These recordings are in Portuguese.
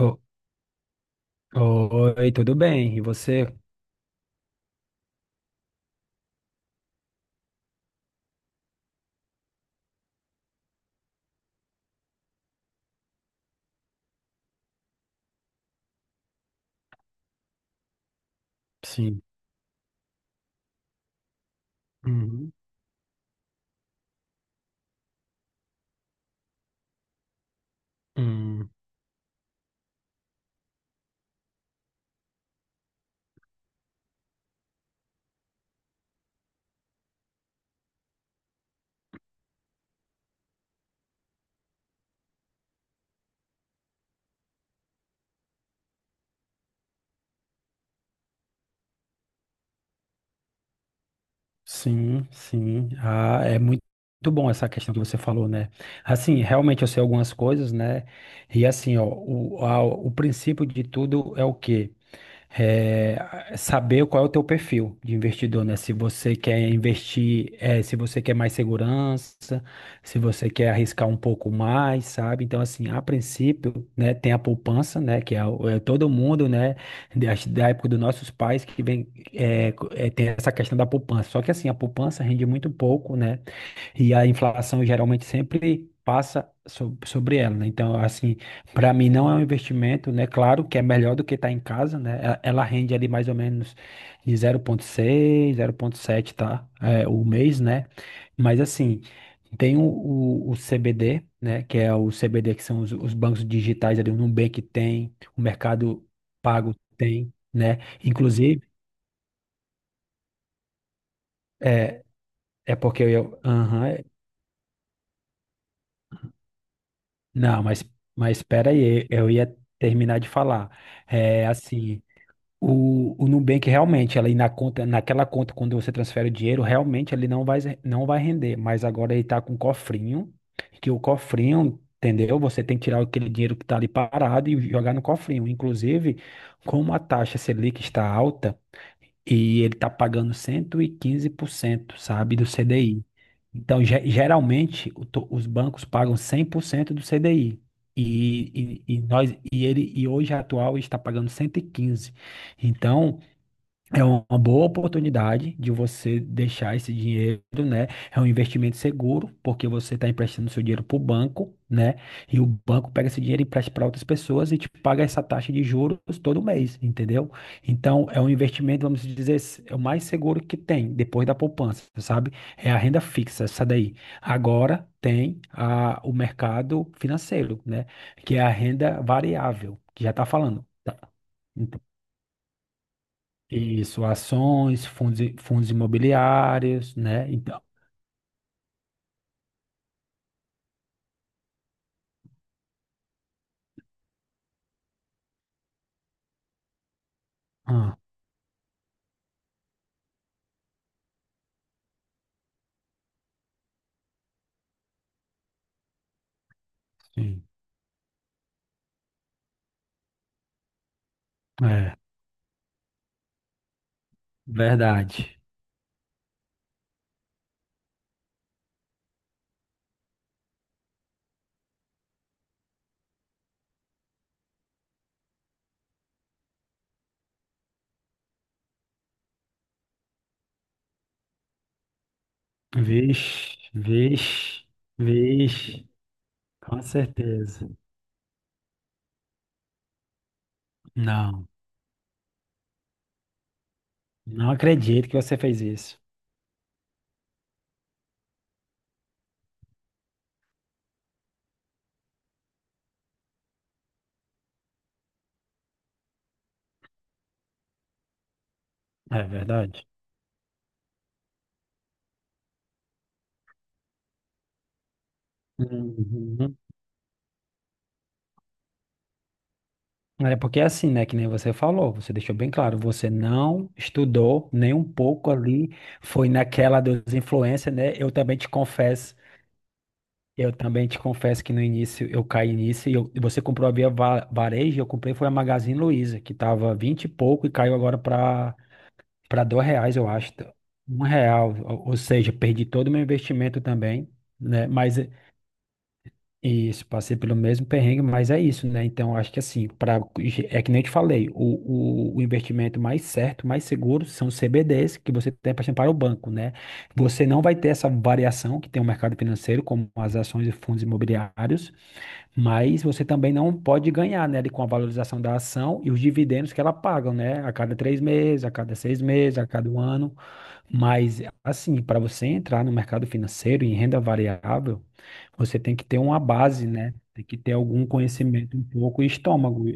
O- Oi, tudo bem? E você? Sim. Uhum. Hum. Sim, sim. Ah, é muito, muito bom essa questão que você falou, né? Assim, realmente eu sei algumas coisas, né? E assim, ó, o princípio de tudo é o quê? Saber qual é o teu perfil de investidor, né? Se você quer investir, se você quer mais segurança, se você quer arriscar um pouco mais, sabe? Então, assim, a princípio, né, tem a poupança, né, que é, é todo mundo, né, da época dos nossos pais que vem, tem essa questão da poupança. Só que, assim, a poupança rende muito pouco, né? E a inflação geralmente sempre passa sobre ela, né? Então, assim, para mim não é um investimento, né? Claro que é melhor do que estar em casa, né? Ela rende ali mais ou menos de 0,6, 0,7, tá? É, o mês, né? Mas assim, tem o CBD, né? Que é o CBD que são os bancos digitais ali, o Nubank tem, o Mercado Pago tem, né? Inclusive, é, aham. Não, mas espera aí, eu ia terminar de falar. É assim, o Nubank realmente, ali na conta, naquela conta, quando você transfere o dinheiro, realmente ele não vai render. Mas agora ele tá com um cofrinho, que o cofrinho, entendeu? Você tem que tirar aquele dinheiro que tá ali parado e jogar no cofrinho. Inclusive, como a taxa Selic está alta, e ele está pagando 115%, sabe, do CDI. Então, geralmente, os bancos pagam 100% do CDI. E nós e ele e hoje a atual está pagando 115. Então, é uma boa oportunidade de você deixar esse dinheiro, né? É um investimento seguro, porque você está emprestando seu dinheiro para o banco, né? E o banco pega esse dinheiro e empresta para outras pessoas e te paga essa taxa de juros todo mês, entendeu? Então, é um investimento, vamos dizer, é o mais seguro que tem, depois da poupança, sabe? É a renda fixa, essa daí. Agora tem o mercado financeiro, né? Que é a renda variável, que já está falando. Tá? Isso, ações, fundos, fundos imobiliários, né? Então, ah, sim, é, verdade. Vixe, vixe, vixe, com certeza. Não, não acredito que você fez isso. É verdade. Uhum. É porque é assim, né, que nem você falou, você deixou bem claro, você não estudou nem um pouco ali, foi naquela dos influencers, né? Eu também te confesso que no início eu caí nisso e você comprou a Varejo, eu comprei foi a Magazine Luiza, que tava 20 e pouco e caiu agora para R$ 2, eu acho. Tá? R$ 1, ou seja, perdi todo o meu investimento também, né? Isso, passei pelo mesmo perrengue, mas é isso, né? Então, eu acho que assim, para é que nem eu te falei, o investimento mais certo, mais seguro são os CBDs que você tem para o banco, né? Você não vai ter essa variação que tem o mercado financeiro, como as ações e fundos imobiliários. Mas você também não pode ganhar, né, ali com a valorização da ação e os dividendos que ela paga, né, a cada 3 meses, a cada 6 meses, a cada 1 ano. Mas, assim, para você entrar no mercado financeiro em renda variável, você tem que ter uma base, né? Tem que ter algum conhecimento um pouco e estômago.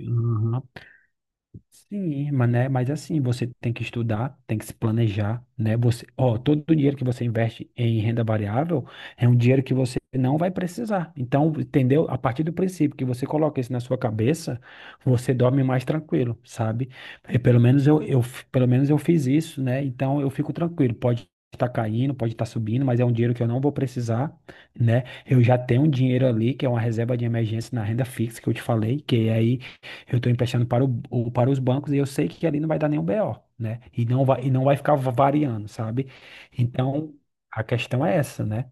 Sim, mas, né, assim, você tem que estudar, tem que se planejar, né? Você, ó, todo o dinheiro que você investe em renda variável é um dinheiro que você não vai precisar. Então, entendeu? A partir do princípio que você coloca isso na sua cabeça, você dorme mais tranquilo, sabe? E pelo menos pelo menos eu fiz isso, né? Então eu fico tranquilo. Pode estar caindo, pode estar subindo, mas é um dinheiro que eu não vou precisar, né? Eu já tenho um dinheiro ali, que é uma reserva de emergência na renda fixa que eu te falei, que aí eu estou emprestando para, para os bancos e eu sei que ali não vai dar nenhum BO, né? E não vai ficar variando, sabe? Então, a questão é essa, né?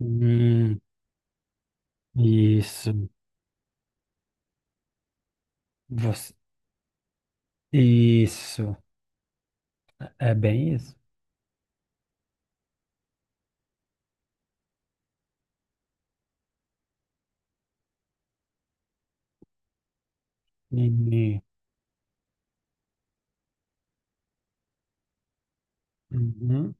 Hum, isso. Você- isso. É bem isso. E- uhum,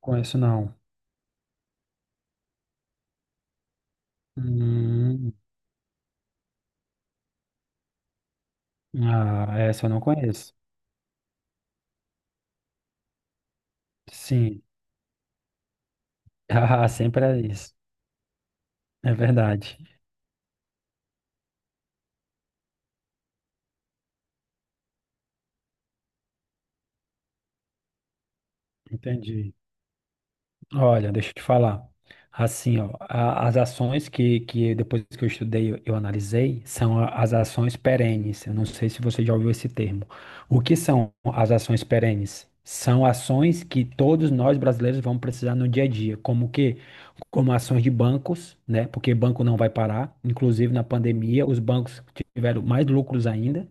conheço não. Hum, ah, essa eu não conheço. Sim. Ah, sempre é isso. É verdade. Entendi. Olha, deixa eu te falar. Assim, ó, as ações que depois que eu estudei, eu analisei, são as ações perenes. Eu não sei se você já ouviu esse termo. O que são as ações perenes? São ações que todos nós brasileiros vamos precisar no dia a dia, como ações de bancos, né? Porque banco não vai parar. Inclusive na pandemia, os bancos tiveram mais lucros ainda.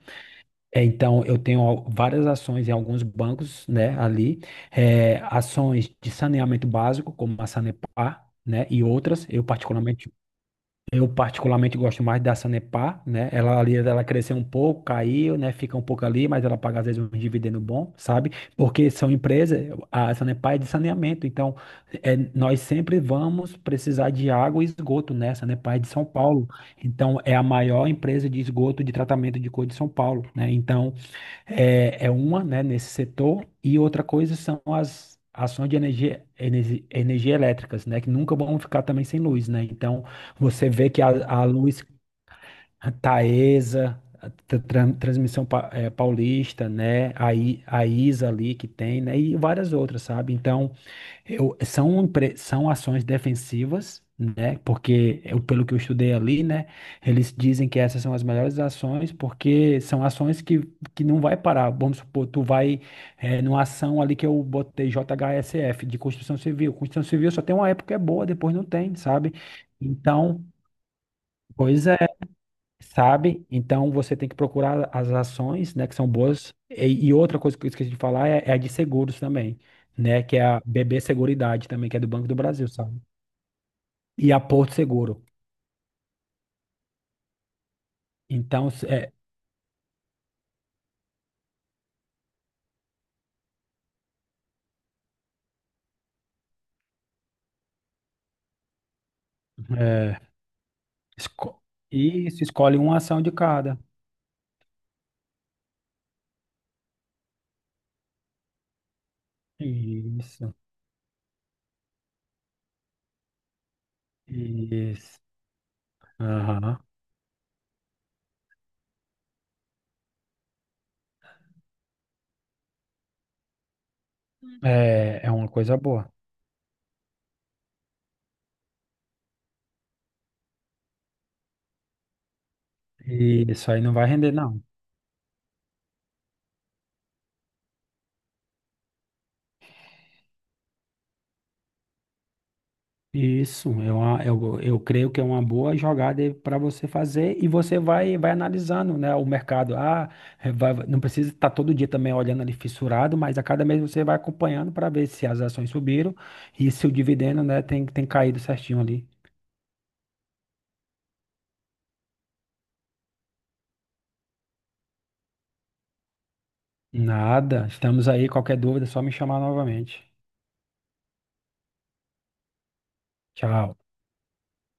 É, então, eu tenho várias ações em alguns bancos, né, ali, é, ações de saneamento básico, como a Sanepar, né, e outras. Eu particularmente gosto mais da Sanepar, né, ela ali, ela cresceu um pouco, caiu, né, fica um pouco ali, mas ela paga às vezes um dividendo bom, sabe? Porque são empresas, a Sanepar é de saneamento, então é, nós sempre vamos precisar de água e esgoto, né? A Sanepar é de São Paulo, então é a maior empresa de esgoto de tratamento de cor de São Paulo, né? Então, é uma, né, nesse setor, e outra coisa são as ações de energia, energia, elétricas, né, que nunca vão ficar também sem luz, né? Então, você vê que a luz Taesa, Transmissão Paulista, né, a ISA ali que tem, né, e várias outras, sabe? Então, são ações defensivas, né? Porque, pelo que eu estudei ali, né? Eles dizem que essas são as melhores ações, porque são ações que não vai parar. Vamos supor, tu vai numa ação ali que eu botei JHSF de construção civil. Construção civil só tem uma época que é boa, depois não tem, sabe? Então, pois é, sabe? Então você tem que procurar as ações, né, que são boas. E outra coisa que eu esqueci de falar é, é a de seguros também, né, que é a BB Seguridade também, que é do Banco do Brasil, sabe? E a Porto Seguro. Então, é, esco- isso, escolhe uma ação de cada. Isso, isso. Aham. É uma coisa boa. Isso aí não vai render, não. Isso, eu creio que é uma boa jogada para você fazer e você vai analisando, né, o mercado. Ah, não precisa estar todo dia também olhando ali fissurado, mas a cada mês você vai acompanhando para ver se as ações subiram e se o dividendo, né, tem caído certinho ali. Nada, estamos aí, qualquer dúvida é só me chamar novamente. Tchau.